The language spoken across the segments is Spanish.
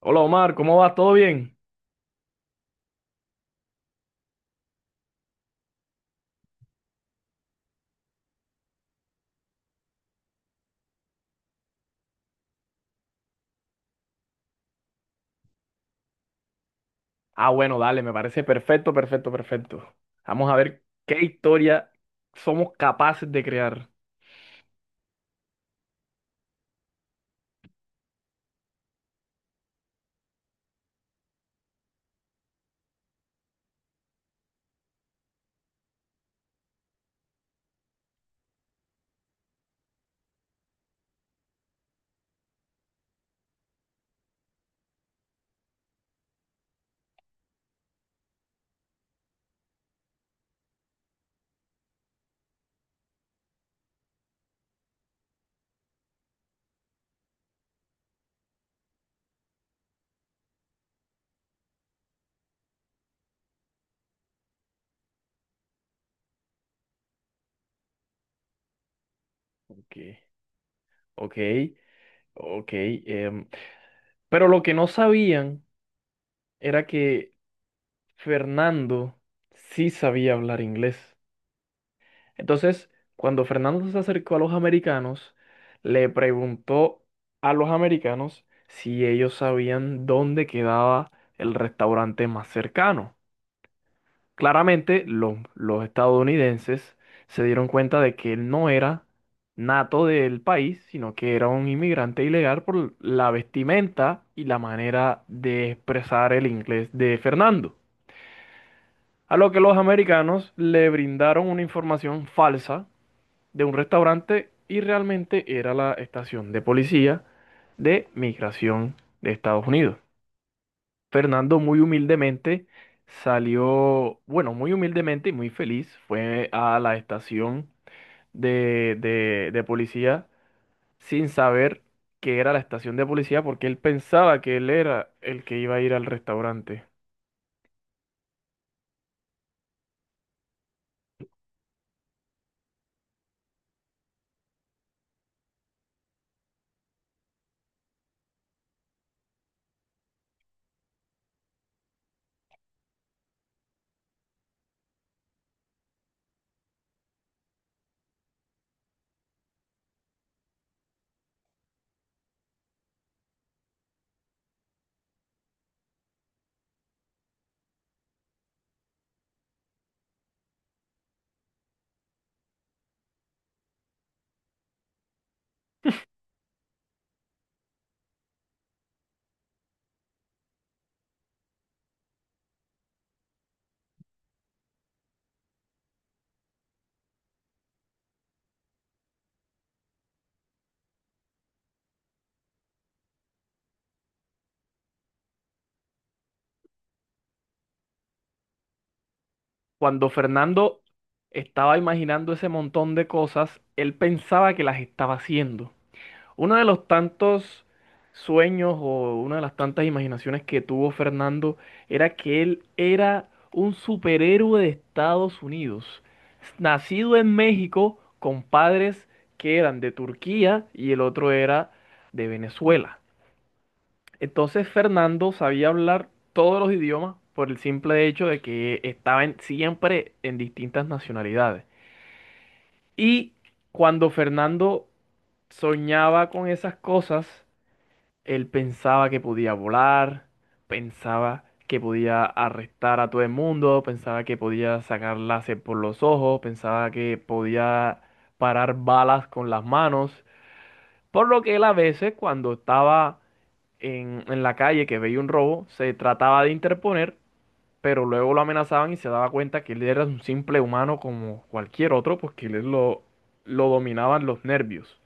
Hola Omar, ¿cómo vas? ¿Todo bien? Ah, bueno, dale, me parece perfecto, perfecto, perfecto. Vamos a ver qué historia somos capaces de crear. Ok, ok, ok. Pero lo que no sabían era que Fernando sí sabía hablar inglés. Entonces, cuando Fernando se acercó a los americanos, le preguntó a los americanos si ellos sabían dónde quedaba el restaurante más cercano. Claramente, los estadounidenses se dieron cuenta de que él no era nato del país, sino que era un inmigrante ilegal por la vestimenta y la manera de expresar el inglés de Fernando. A lo que los americanos le brindaron una información falsa de un restaurante y realmente era la estación de policía de migración de Estados Unidos. Fernando muy humildemente salió, bueno, muy humildemente y muy feliz, fue a la estación de policía sin saber que era la estación de policía porque él pensaba que él era el que iba a ir al restaurante. Cuando Fernando estaba imaginando ese montón de cosas, él pensaba que las estaba haciendo. Uno de los tantos sueños o una de las tantas imaginaciones que tuvo Fernando era que él era un superhéroe de Estados Unidos, nacido en México con padres que eran de Turquía y el otro era de Venezuela. Entonces Fernando sabía hablar todos los idiomas por el simple hecho de que siempre en distintas nacionalidades. Y cuando Fernando soñaba con esas cosas, él pensaba que podía volar, pensaba que podía arrestar a todo el mundo, pensaba que podía sacar láser por los ojos, pensaba que podía parar balas con las manos. Por lo que él a veces, cuando estaba en la calle que veía un robo, se trataba de interponer, pero luego lo amenazaban y se daba cuenta que él era un simple humano como cualquier otro, porque él lo dominaban los nervios.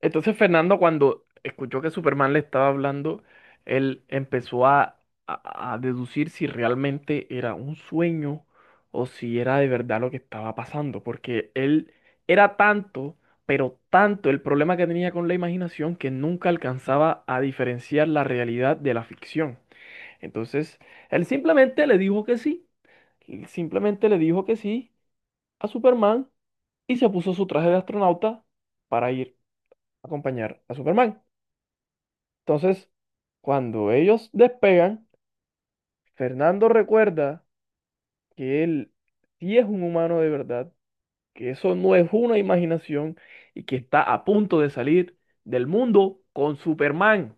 Entonces Fernando cuando escuchó que Superman le estaba hablando, él empezó a deducir si realmente era un sueño o si era de verdad lo que estaba pasando, porque él era tanto, pero tanto el problema que tenía con la imaginación que nunca alcanzaba a diferenciar la realidad de la ficción. Entonces, él simplemente le dijo que sí, él simplemente le dijo que sí a Superman y se puso su traje de astronauta para ir a acompañar a Superman. Entonces, cuando ellos despegan, Fernando recuerda que él sí es un humano de verdad, que eso no es una imaginación y que está a punto de salir del mundo con Superman.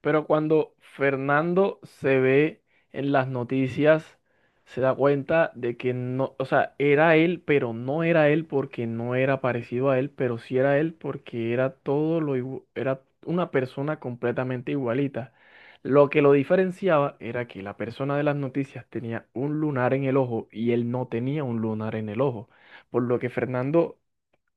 Pero cuando Fernando se ve en las noticias, se da cuenta de que no, o sea, era él, pero no era él porque no era parecido a él, pero sí era él porque era todo lo, era una persona completamente igualita. Lo que lo diferenciaba era que la persona de las noticias tenía un lunar en el ojo y él no tenía un lunar en el ojo, por lo que Fernando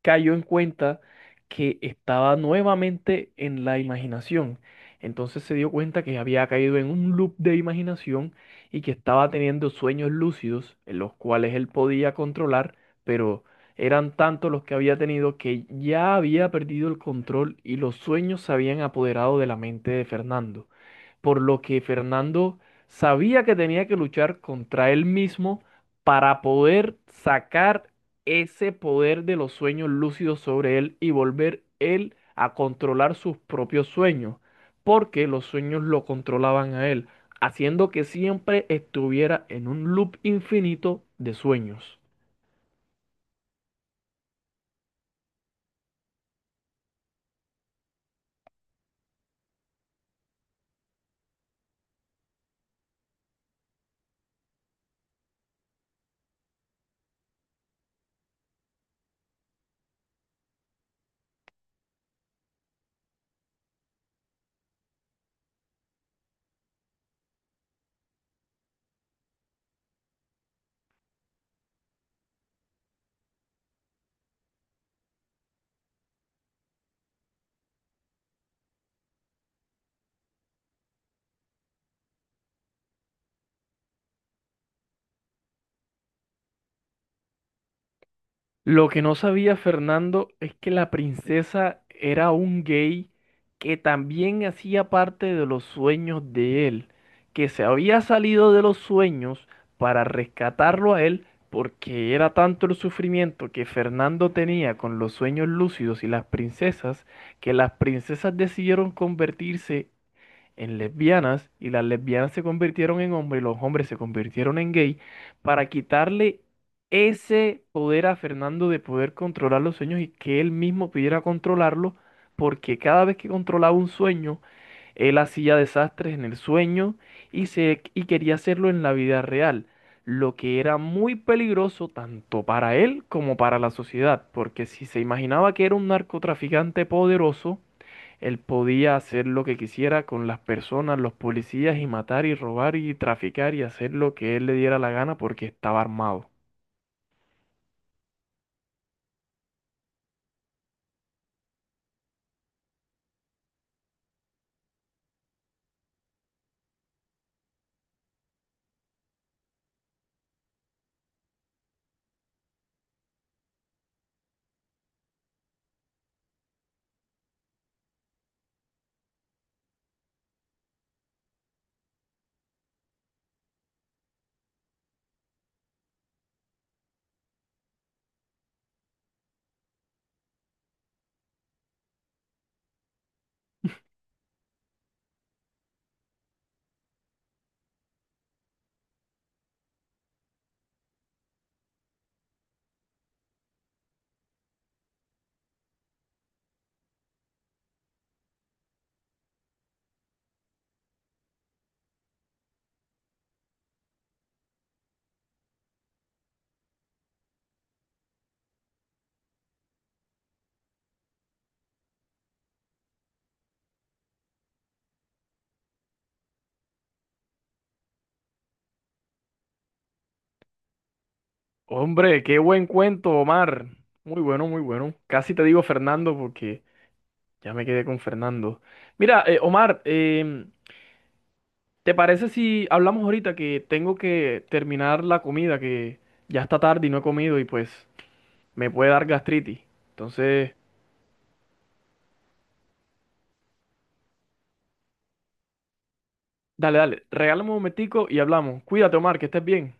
cayó en cuenta que estaba nuevamente en la imaginación. Entonces se dio cuenta que había caído en un loop de imaginación y que estaba teniendo sueños lúcidos en los cuales él podía controlar, pero eran tantos los que había tenido que ya había perdido el control y los sueños se habían apoderado de la mente de Fernando, por lo que Fernando sabía que tenía que luchar contra él mismo para poder sacar ese poder de los sueños lúcidos sobre él y volver él a controlar sus propios sueños, porque los sueños lo controlaban a él, haciendo que siempre estuviera en un loop infinito de sueños. Lo que no sabía Fernando es que la princesa era un gay que también hacía parte de los sueños de él, que se había salido de los sueños para rescatarlo a él porque era tanto el sufrimiento que Fernando tenía con los sueños lúcidos y las princesas, que las princesas decidieron convertirse en lesbianas y las lesbianas se convirtieron en hombres y los hombres se convirtieron en gay para quitarle ese poder a Fernando de poder controlar los sueños y que él mismo pudiera controlarlo, porque cada vez que controlaba un sueño, él hacía desastres en el sueño y, se, y quería hacerlo en la vida real, lo que era muy peligroso tanto para él como para la sociedad, porque si se imaginaba que era un narcotraficante poderoso, él podía hacer lo que quisiera con las personas, los policías, y matar y robar y traficar y hacer lo que él le diera la gana porque estaba armado. Hombre, qué buen cuento, Omar. Muy bueno, muy bueno. Casi te digo Fernando porque ya me quedé con Fernando. Mira, Omar, ¿te parece si hablamos ahorita que tengo que terminar la comida, que ya está tarde y no he comido y pues me puede dar gastritis? Entonces, dale, dale, regálame un momentico y hablamos. Cuídate, Omar, que estés bien.